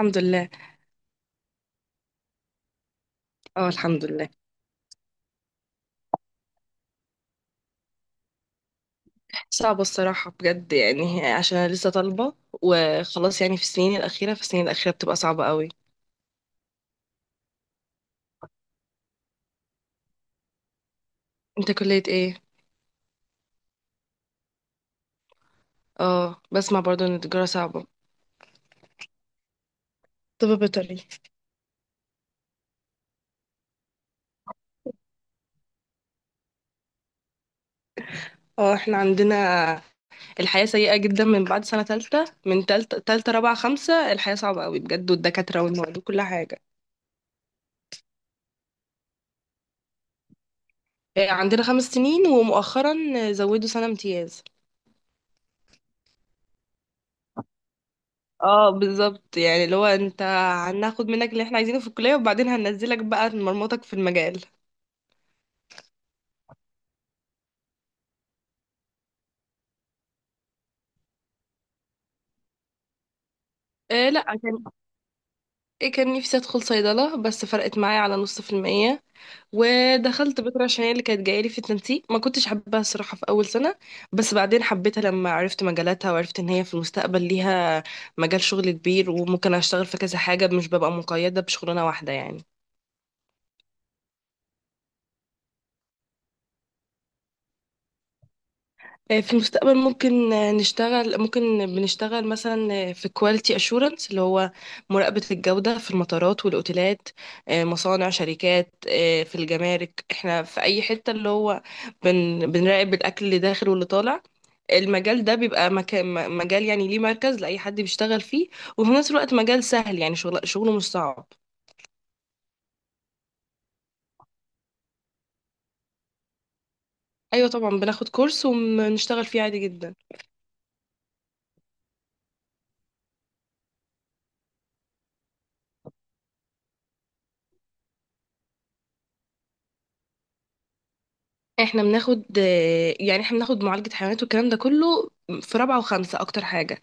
الحمد لله. اه، الحمد لله. صعبة الصراحة بجد، يعني عشان أنا لسه طالبة. وخلاص يعني في السنين الأخيرة بتبقى صعبة قوي. انت كلية ايه؟ اه، بسمع برضو ان التجارة صعبة. طب بيطري. اه احنا عندنا الحياة سيئة جدا من بعد سنة تالتة. من تالتة رابعة خمسة الحياة صعبة قوي بجد، والدكاترة والمواد وكل حاجة. عندنا 5 سنين، ومؤخرا زودوا سنة امتياز. اه بالظبط، يعني اللي هو انت هناخد منك اللي احنا عايزينه في الكلية، وبعدين هننزلك بقى مرمطك في المجال. لا، كان كان نفسي ادخل صيدلة بس فرقت معايا على نص في المية، ودخلت بيطري عشان هي اللي كانت جايلي في التنسيق. ما كنتش حابة الصراحة في أول سنة، بس بعدين حبيتها لما عرفت مجالاتها وعرفت إن هي في المستقبل ليها مجال شغل كبير، وممكن أشتغل في كذا حاجة مش ببقى مقيدة بشغلانة واحدة يعني. في المستقبل ممكن بنشتغل مثلا في كواليتي اشورنس، اللي هو مراقبة الجودة في المطارات والاوتيلات، مصانع، شركات، في الجمارك، احنا في اي حتة اللي هو بنراقب الاكل اللي داخل واللي طالع. المجال ده بيبقى مجال، يعني ليه مركز لأي حد بيشتغل فيه، وفي نفس الوقت مجال سهل، يعني شغله مش صعب. ايوه طبعا، بناخد كورس ونشتغل فيه عادي جدا. احنا بناخد معالجة حيوانات والكلام ده كله في رابعة وخمسة اكتر حاجة.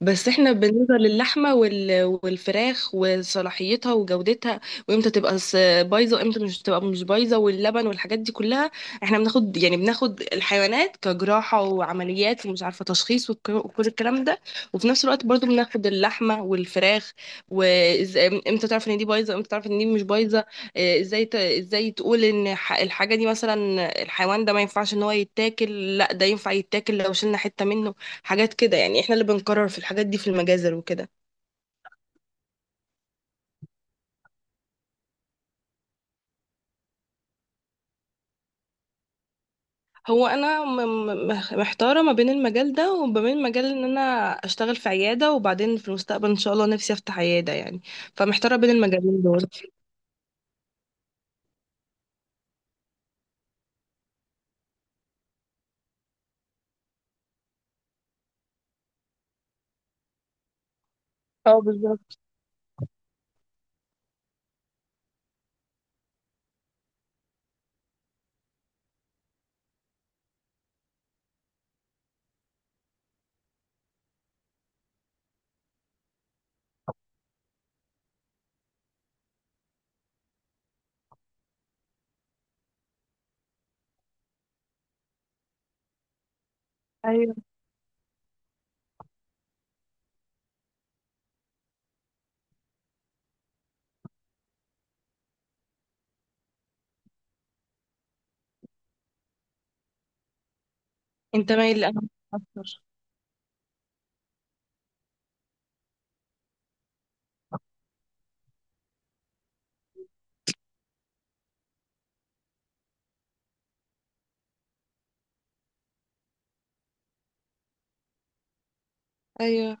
بس احنا بالنسبة للحمة والفراخ وصلاحيتها وجودتها، وامتى تبقى بايظة، وامتى مش تبقى مش بايظة، واللبن والحاجات دي كلها. احنا بناخد الحيوانات كجراحة وعمليات ومش عارفة تشخيص وكل الكلام ده. وفي نفس الوقت برضو بناخد اللحمة والفراخ، وامتى تعرف ان دي بايظة وامتى تعرف ان دي مش بايظة. اه، ازاي تقول ان الحاجة دي مثلا الحيوان ده ما ينفعش ان هو يتاكل، لا ده ينفع يتاكل لو شلنا حتة منه. حاجات كده، يعني احنا اللي بنقرر في الحاجات دي في المجازر وكده. هو انا محتاره ما بين المجال ده وما بين مجال ان انا اشتغل في عياده، وبعدين في المستقبل ان شاء الله نفسي افتح عياده يعني. فمحتاره بين المجالين دول. اه بالظبط. ايوه. انت مايل لأنهي اكتر؟ ايوه،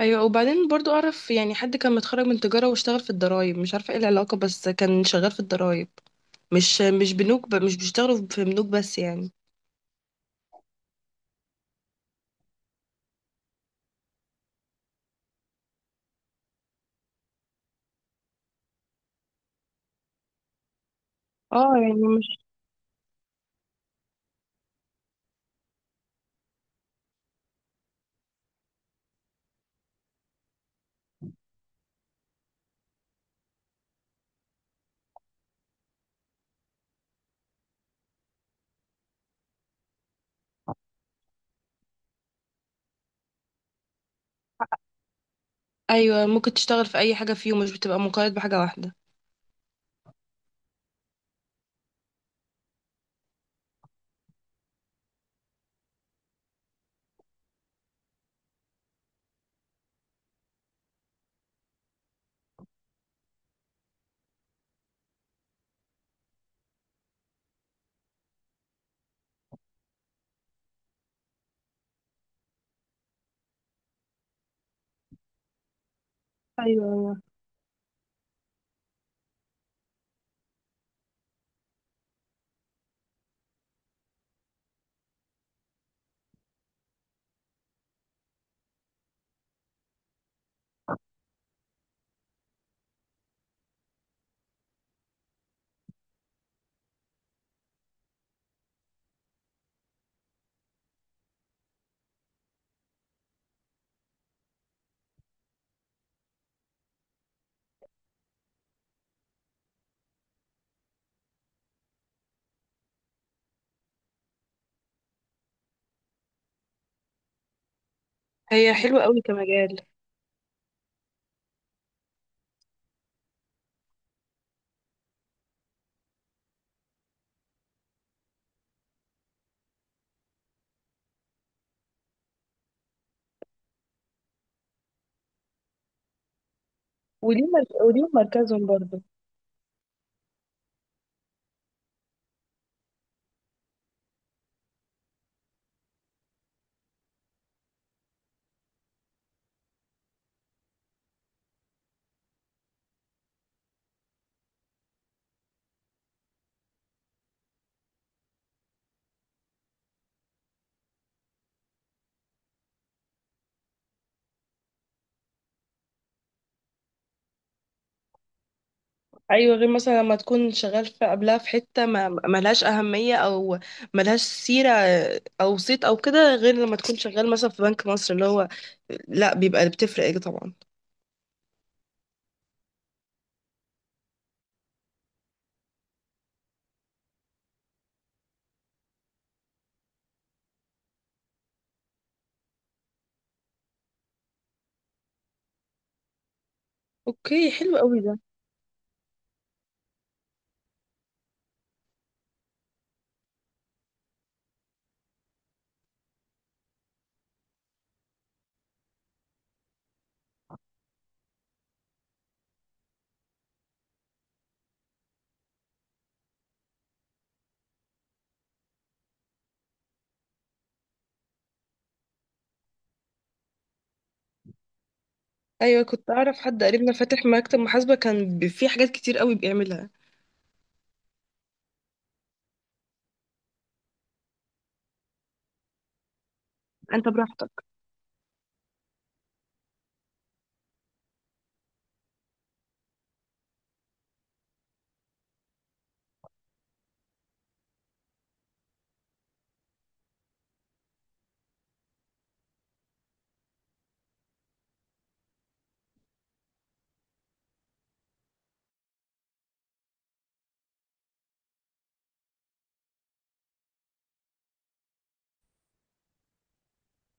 ايوه، وبعدين برضو اعرف يعني حد كان متخرج من تجاره واشتغل في الضرايب، مش عارفه ايه العلاقه، بس كان شغال في الضرايب. مش بنوك، مش بيشتغلوا في بنوك بس يعني. اه يعني مش. ايوه، ممكن تشتغل في اي حاجه فيهم، مش بتبقى مقيد بحاجه واحده. ايوه، ايوه. هي حلوه قوي كمجال. وليهم مركزهم برضو. ايوه، غير مثلا لما تكون شغال في قبلها في حته ما ملهاش اهميه، او ملهاش سيره او صيت او كده، غير لما تكون شغال مثلا في بنك مصر اللي هو لا بيبقى، بتفرق طبعا. اوكي، حلو قوي ده. ايوه، كنت اعرف حد قريبنا فاتح مكتب محاسبه، كان فيه حاجات كتير قوي بيعملها. انت براحتك.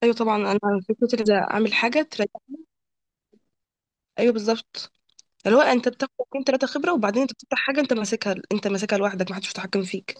ايوه طبعا، انا فكره إن اعمل حاجه تريح. ايوه بالظبط. اللي هو انت بتاخد اتنين تلاته خبره، وبعدين انت بتفتح حاجه انت ماسكها، انت ماسكها لوحدك محدش متحكم فيك.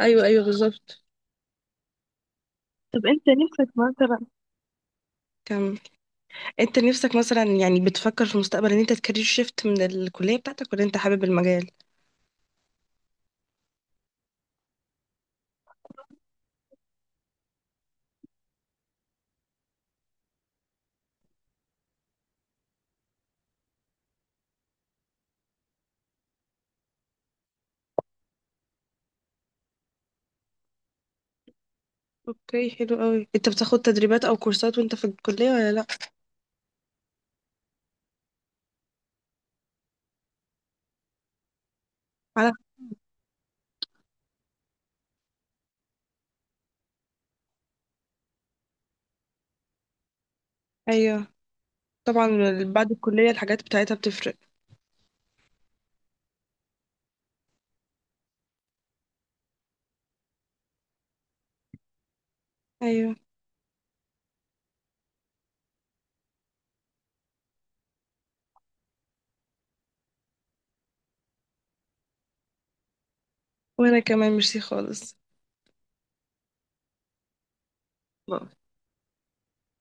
ايوه، ايوه، بالظبط. طب انت نفسك مثلا كم، انت نفسك مثلا يعني بتفكر في المستقبل ان انت تكارير شيفت من الكليه بتاعتك، ولا انت حابب المجال؟ اوكي، حلو قوي. انت بتاخد تدريبات او كورسات وانت في الكليه ولا لا؟ على. ايوه طبعا. بعد الكليه الحاجات بتاعتها بتفرق. ايوه. وانا كمان ميرسي خالص.